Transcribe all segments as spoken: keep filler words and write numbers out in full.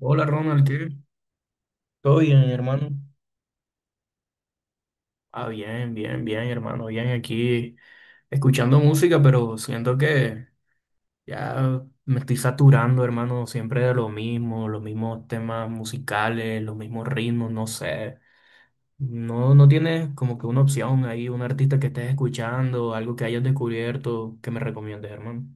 Hola Ronald, ¿qué? Todo bien, hermano. Ah, bien, bien, bien, hermano, bien aquí escuchando música, pero siento que ya me estoy saturando, hermano, siempre de lo mismo, los mismos temas musicales, los mismos ritmos, no sé. No, no tienes como que una opción ahí, un artista que estés escuchando, algo que hayas descubierto que me recomiendes, hermano.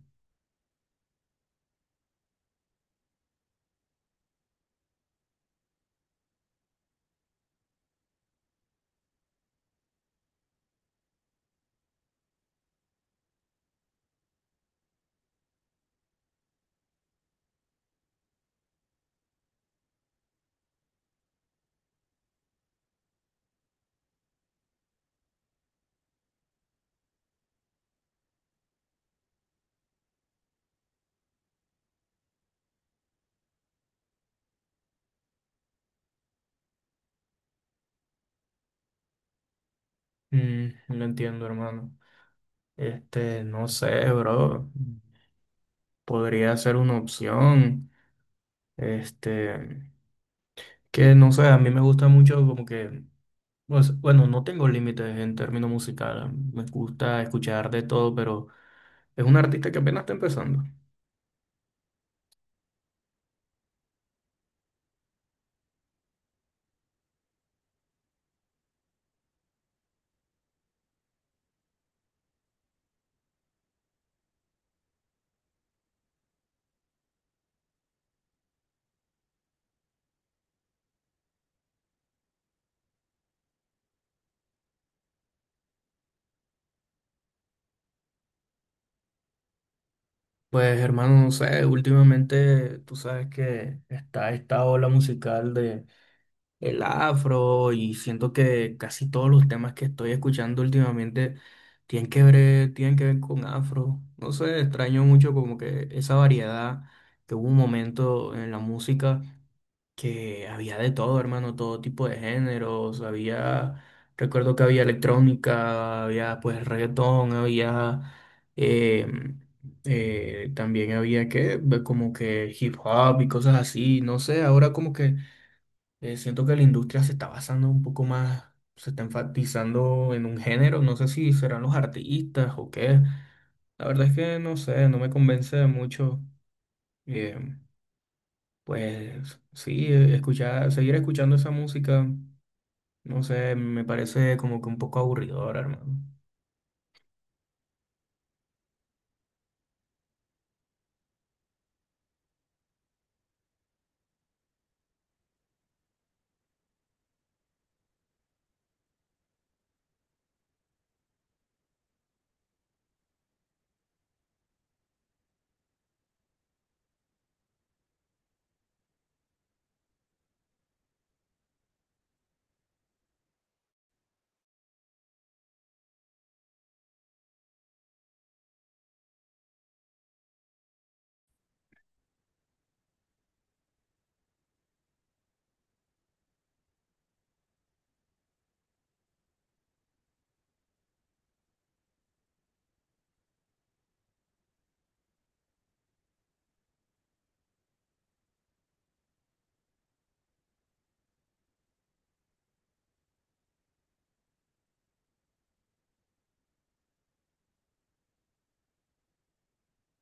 Mm, no entiendo, hermano. Este, no sé, bro. Podría ser una opción. Este. Que no sé, a mí me gusta mucho como que, pues, bueno, no tengo límites en términos musicales. Me gusta escuchar de todo, pero es un artista que apenas está empezando. Pues hermano, no sé, últimamente tú sabes que está esta ola musical de el afro y siento que casi todos los temas que estoy escuchando últimamente tienen que ver, tienen que ver con afro. No sé, extraño mucho como que esa variedad que hubo un momento en la música, que había de todo, hermano, todo tipo de géneros, había, recuerdo que había electrónica, había pues reggaetón, había, eh, eh, también había que, como que hip hop y cosas así, no sé, ahora como que eh, siento que la industria se está basando un poco más, se está enfatizando en un género, no sé si serán los artistas o qué, la verdad es que no sé, no me convence mucho. em, pues sí, eh, escuchar, seguir escuchando esa música, no sé, me parece como que un poco aburridora, hermano.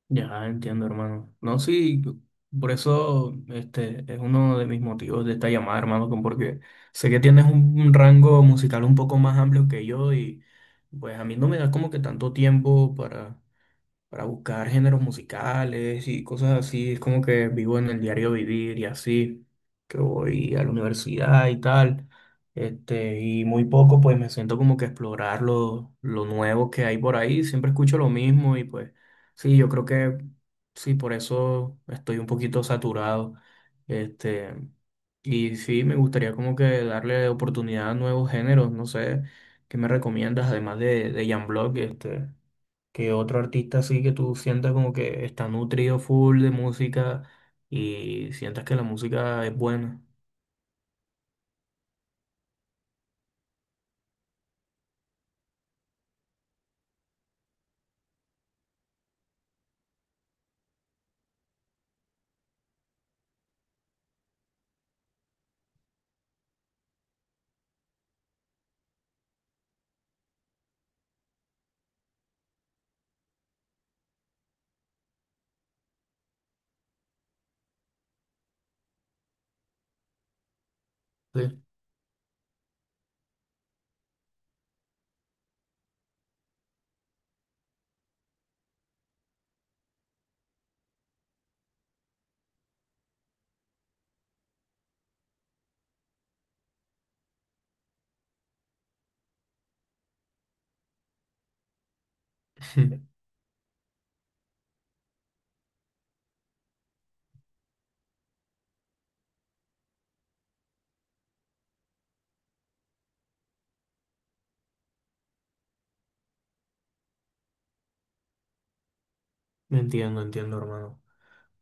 Ya entiendo, hermano. No, sí, por eso este es uno de mis motivos de esta llamada, hermano, con- porque sé que tienes un, un rango musical un poco más amplio que yo y pues a mí no me da como que tanto tiempo para para buscar géneros musicales y cosas así. Es como que vivo en el diario vivir y así, que voy a la universidad y tal. Este, y muy poco pues me siento como que explorar lo, lo nuevo que hay por ahí. Siempre escucho lo mismo y pues sí, yo creo que sí, por eso estoy un poquito saturado. Este, y sí, me gustaría como que darle oportunidad a nuevos géneros, no sé, ¿qué me recomiendas además de, de Jan Block, este? Que otro artista así que tú sientas como que está nutrido full de música y sientas que la música es buena. Sí. Entiendo, entiendo, hermano.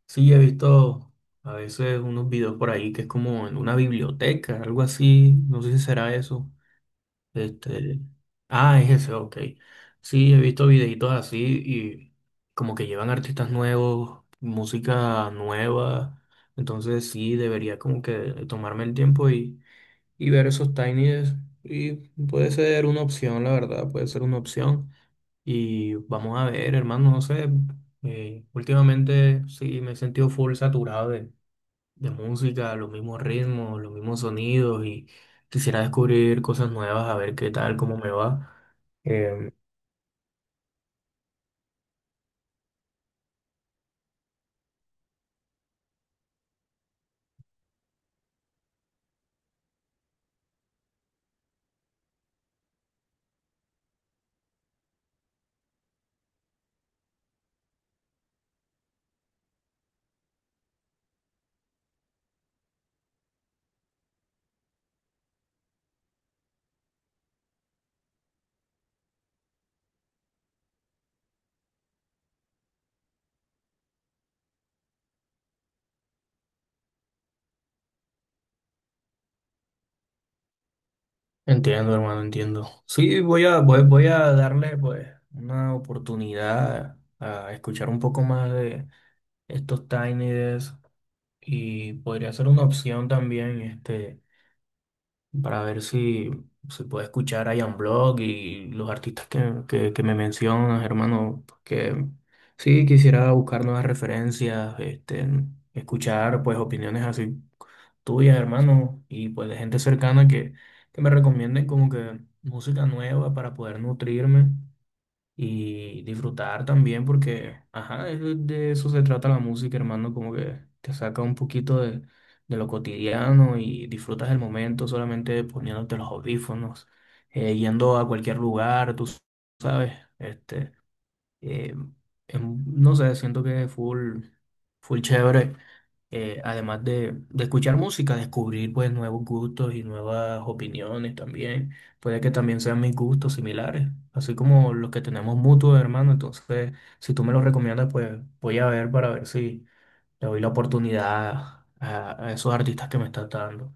Sí, he visto a veces unos videos por ahí que es como en una biblioteca, algo así. No sé si será eso. Este... Ah, es ese, ok. Sí, he visto videitos así y como que llevan artistas nuevos, música nueva. Entonces sí, debería como que tomarme el tiempo y y ver esos tinies. Y puede ser una opción, la verdad, puede ser una opción. Y vamos a ver, hermano, no sé. Eh, últimamente sí me he sentido full saturado de, de música, los mismos ritmos, los mismos sonidos y quisiera descubrir cosas nuevas, a ver qué tal, cómo me va. Em, Entiendo, hermano, entiendo. Sí, voy a, voy, voy a darle pues una oportunidad a escuchar un poco más de estos Tiny Desk. Y podría ser una opción también, este, para ver si se puede escuchar a Ian Block y los artistas que, que, que me mencionas, hermano, porque sí quisiera buscar nuevas referencias, este, escuchar pues opiniones así tuyas, hermano, y pues de gente cercana que, que me recomienden como que música nueva para poder nutrirme y disfrutar también porque, ajá, es de, de eso se trata la música, hermano, como que te saca un poquito de, de lo cotidiano y disfrutas el momento solamente poniéndote los audífonos, eh, yendo a cualquier lugar, tú sabes, este, eh, em, no sé, siento que es full, full chévere. Eh, además de, de escuchar música, descubrir pues nuevos gustos y nuevas opiniones también. Puede que también sean mis gustos similares, así como los que tenemos mutuos, hermano. Entonces, si tú me los recomiendas, pues voy a ver para ver si le doy la oportunidad a, a esos artistas que me estás dando.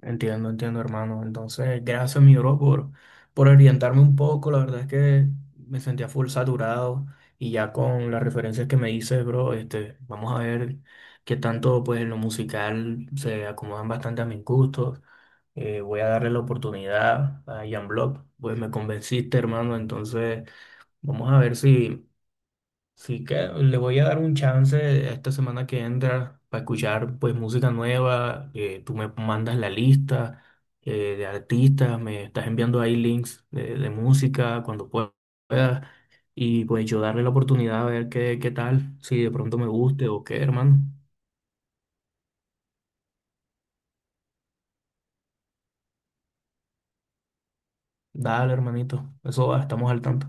Entiendo, entiendo, hermano. Entonces, gracias, mi bro, por, por orientarme un poco. La verdad es que me sentía full saturado y ya con las referencias que me dices, bro, este, vamos a ver qué tanto, pues, en lo musical se acomodan bastante a mis gustos. Eh, voy a darle la oportunidad a Jan Block. Pues me convenciste, hermano. Entonces, vamos a ver si. Sí que le voy a dar un chance esta semana que entra para escuchar pues música nueva. Eh, tú me mandas la lista eh, de artistas, me estás enviando ahí links de, de música cuando pue- puedas y pues yo darle la oportunidad a ver qué, qué tal, si de pronto me guste o qué, hermano. Dale, hermanito, eso va, estamos al tanto.